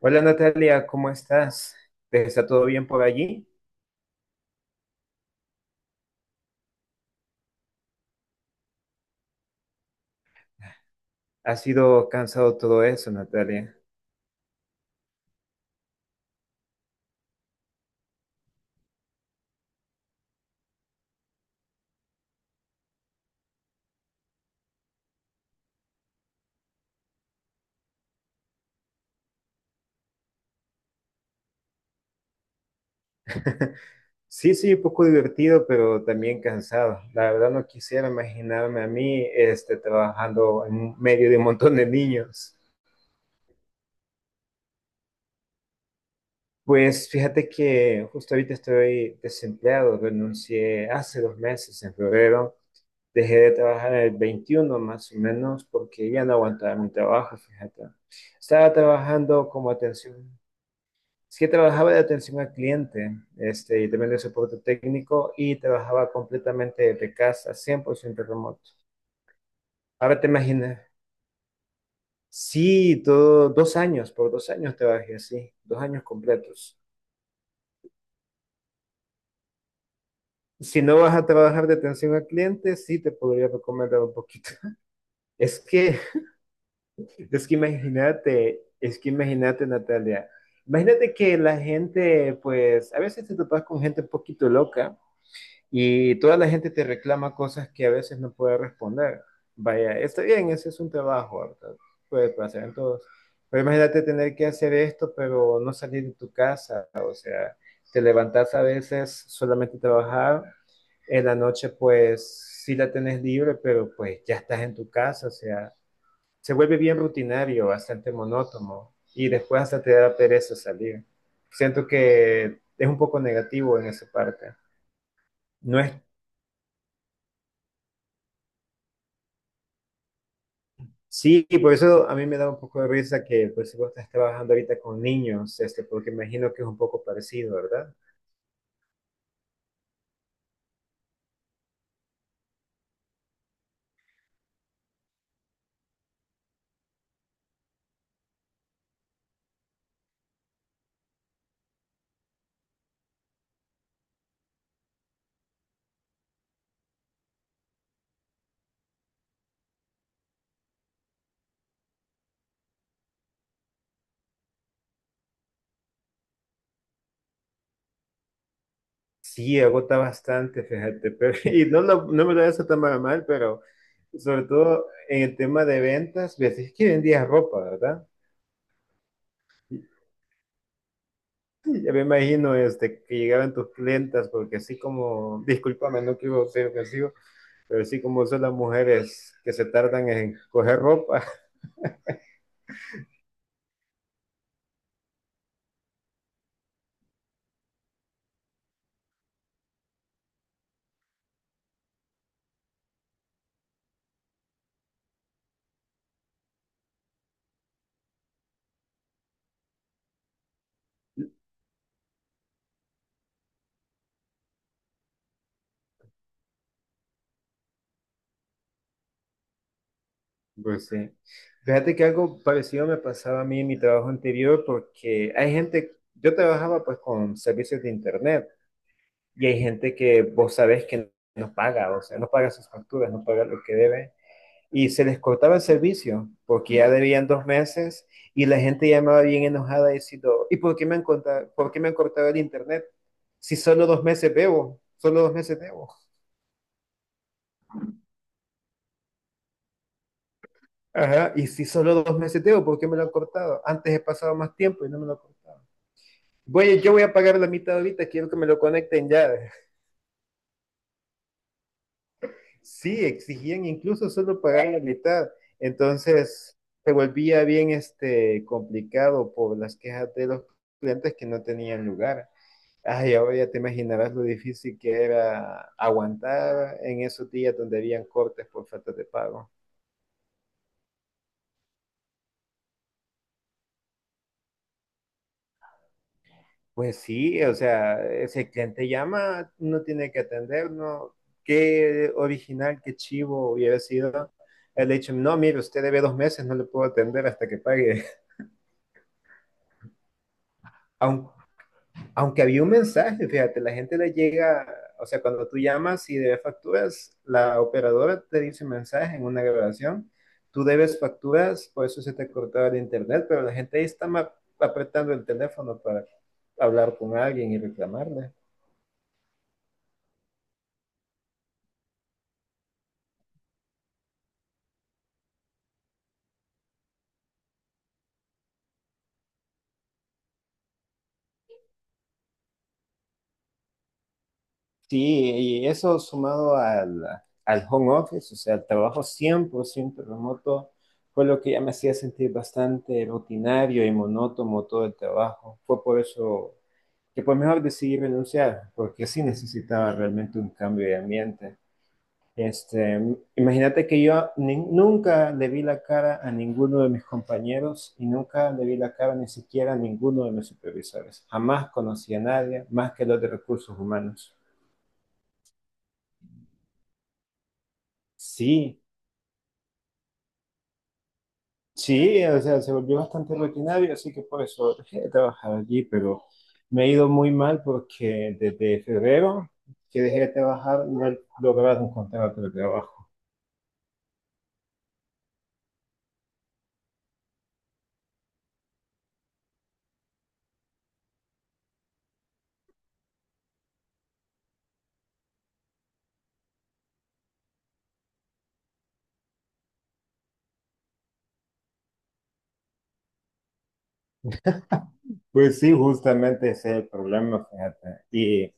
Hola, Natalia, ¿cómo estás? ¿Te está todo bien por allí? ¿Ha sido cansado todo eso, Natalia? Sí, sí, un poco divertido, pero también cansado. La verdad no quisiera imaginarme a mí trabajando en medio de un montón de niños. Pues fíjate que justo ahorita estoy desempleado, renuncié hace dos meses, en febrero. Dejé de trabajar el 21 más o menos porque ya no aguantaba mi trabajo, fíjate. Estaba trabajando como atención. Sí, trabajaba de atención al cliente, y también de soporte técnico, y trabajaba completamente de casa, 100% remoto. Ahora te imaginas, sí, todo, 2 años, por 2 años trabajé así, 2 años completos. Si no vas a trabajar de atención al cliente, sí te podría recomendar un poquito. Es que, es que imagínate, Natalia, imagínate que la gente, pues, a veces te topas con gente un poquito loca. Y toda la gente te reclama cosas que a veces no puedes responder. Vaya, está bien, ese es un trabajo, ¿verdad? Puede pasar en todos. Pero imagínate tener que hacer esto, pero no salir de tu casa. O sea, te levantas a veces solamente a trabajar. En la noche, pues sí la tenés libre, pero pues ya estás en tu casa. O sea, se vuelve bien rutinario, bastante monótono. Y después hasta te da pereza salir. Siento que es un poco negativo en esa parte. No es. Sí, y por eso a mí me da un poco de risa que pues si vos estás trabajando ahorita con niños, porque imagino que es un poco parecido, ¿verdad? Sí, agota bastante, fíjate, pero no me lo eso tan mal, pero sobre todo en el tema de ventas, ves es que vendías ropa, ¿verdad? Ya me imagino que llegaran tus clientas, porque así como, discúlpame, no quiero ser ofensivo, pero así como son las mujeres que se tardan en coger ropa. Pues sí. Fíjate que algo parecido me pasaba a mí en mi trabajo anterior porque hay gente, yo trabajaba pues con servicios de internet, y hay gente que vos sabés que no paga, o sea, no paga sus facturas, no paga lo que debe, y se les cortaba el servicio porque ya debían 2 meses, y la gente llamaba bien enojada diciendo, ¿y por qué me han cortado, por qué me han cortado el internet? Si solo 2 meses debo, solo 2 meses debo. Ajá, y si solo 2 meses debo, ¿por qué me lo han cortado? Antes he pasado más tiempo y no me lo han cortado. Güey, yo voy a pagar la mitad ahorita, quiero que me lo conecten ya. Sí, exigían incluso solo pagar la mitad. Entonces, se volvía bien complicado por las quejas de los clientes que no tenían lugar. Ay, ahora ya te imaginarás lo difícil que era aguantar en esos días donde habían cortes por falta de pago. Pues sí, o sea, ese cliente llama, no tiene que atender, ¿no? Qué original, qué chivo hubiera sido. El hecho, no, mire, usted debe 2 meses, no le puedo atender hasta que pague. Aun- aunque había un mensaje, fíjate, la gente le llega, o sea, cuando tú llamas y debes facturas, la operadora te dice un mensaje en una grabación, tú debes facturas, por eso se te cortaba el internet, pero la gente ahí está apretando el teléfono para hablar con alguien y reclamarle. Sí, y eso sumado al home office, o sea, el trabajo 100% remoto, fue lo que ya me hacía sentir bastante rutinario y monótono todo el trabajo. Fue por eso que pues mejor decidí renunciar, porque sí necesitaba realmente un cambio de ambiente. Este, imagínate que yo nunca le vi la cara a ninguno de mis compañeros y nunca le vi la cara ni siquiera a ninguno de mis supervisores. Jamás conocí a nadie más que los de recursos humanos. Sí, sí, o sea, se volvió bastante rutinario, así que por eso dejé de trabajar allí, pero me ha ido muy mal porque desde febrero que dejé de trabajar no he logrado encontrar otro trabajo. Pues sí, justamente ese es el problema, fíjate. Y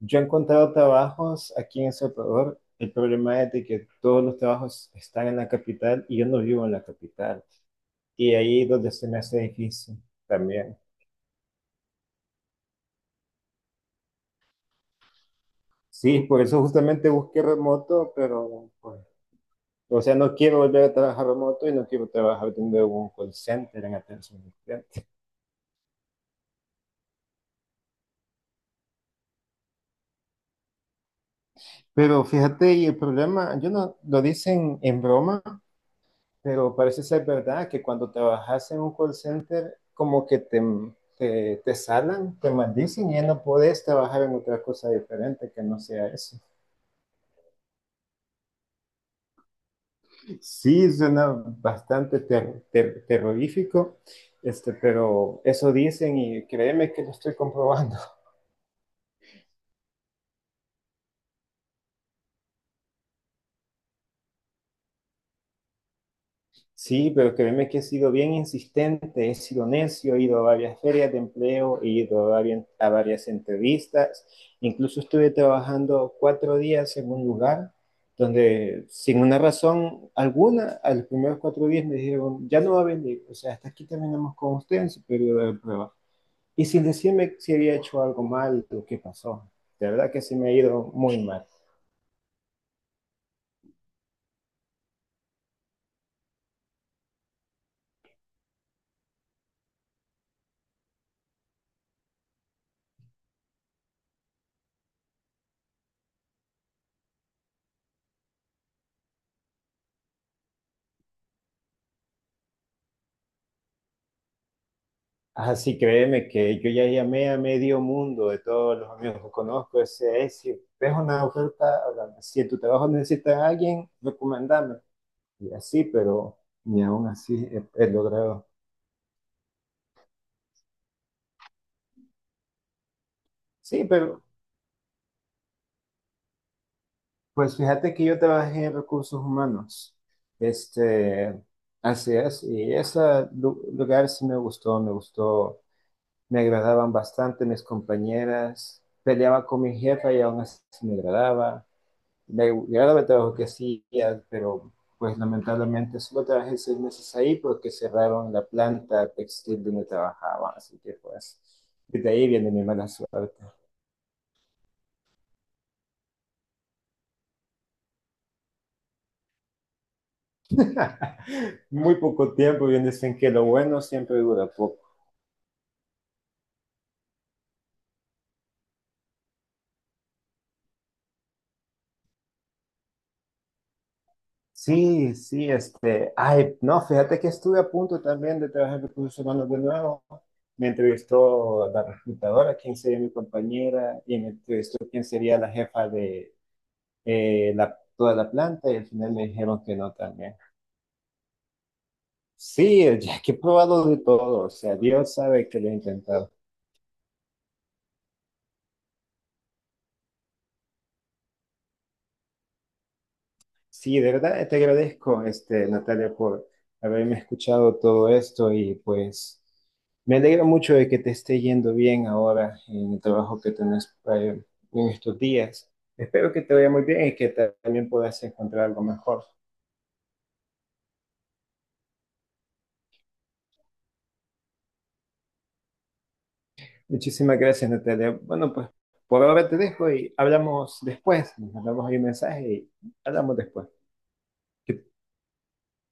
yo he encontrado trabajos aquí en El Salvador. El problema es de que todos los trabajos están en la capital y yo no vivo en la capital. Y ahí es donde se me hace difícil también. Sí, por eso justamente busqué remoto, pero pues, o sea, no quiero volver a trabajar remoto y no quiero trabajar teniendo un call center en atención al cliente. Pero fíjate, y el problema, yo no lo dicen en broma, pero parece ser verdad que cuando trabajas en un call center, como que te salan, te maldicen y ya no podés trabajar en otra cosa diferente que no sea eso. Sí, suena bastante terrorífico, pero eso dicen y créeme que lo estoy comprobando. Sí, pero créeme que he sido bien insistente, he sido necio, he ido a varias ferias de empleo, he ido a varias entrevistas, incluso estuve trabajando 4 días en un lugar donde sin una razón alguna, a los primeros 4 días me dijeron, ya no va a venir, o sea, hasta aquí terminamos con usted en su periodo de prueba. Y sin decirme si había hecho algo mal o qué pasó. De verdad que sí me ha ido muy mal. Así créeme que yo ya llamé a medio mundo de todos los amigos que conozco. Ese es, si ves una oferta, háblame. Si en tu trabajo necesitas a alguien, recomendame. Y así, pero ni aún así he logrado. Sí, pero pues fíjate que yo trabajé en recursos humanos. Este, así es. Y ese lugar sí me gustó, me gustó. Me agradaban bastante mis compañeras. Peleaba con mi jefa y aún así me agradaba. Me agradaba el trabajo que hacía, pero pues lamentablemente solo trabajé 6 meses ahí porque cerraron la planta textil donde trabajaba, así que pues de ahí viene mi mala suerte. Muy poco tiempo, bien dicen que lo bueno siempre dura poco. Sí, sí, ay, no, fíjate que estuve a punto también de trabajar en recursos humanos de nuevo. Me entrevistó la reclutadora, quién sería mi compañera, y me entrevistó quién sería la jefa de, toda la planta y al final me dijeron que no también. Sí, ya que he probado de todo, o sea, Dios sabe que lo he intentado. Sí, de verdad te agradezco, Natalia, por haberme escuchado todo esto y pues me alegra mucho de que te esté yendo bien ahora en el trabajo que tenés en estos días. Espero que te vaya muy bien y que también puedas encontrar algo mejor. Muchísimas gracias, Natalia. Bueno, pues por ahora te dejo y hablamos después. Nos mandamos ahí un mensaje y hablamos después. Que-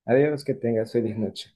Adiós, que tengas feliz noche.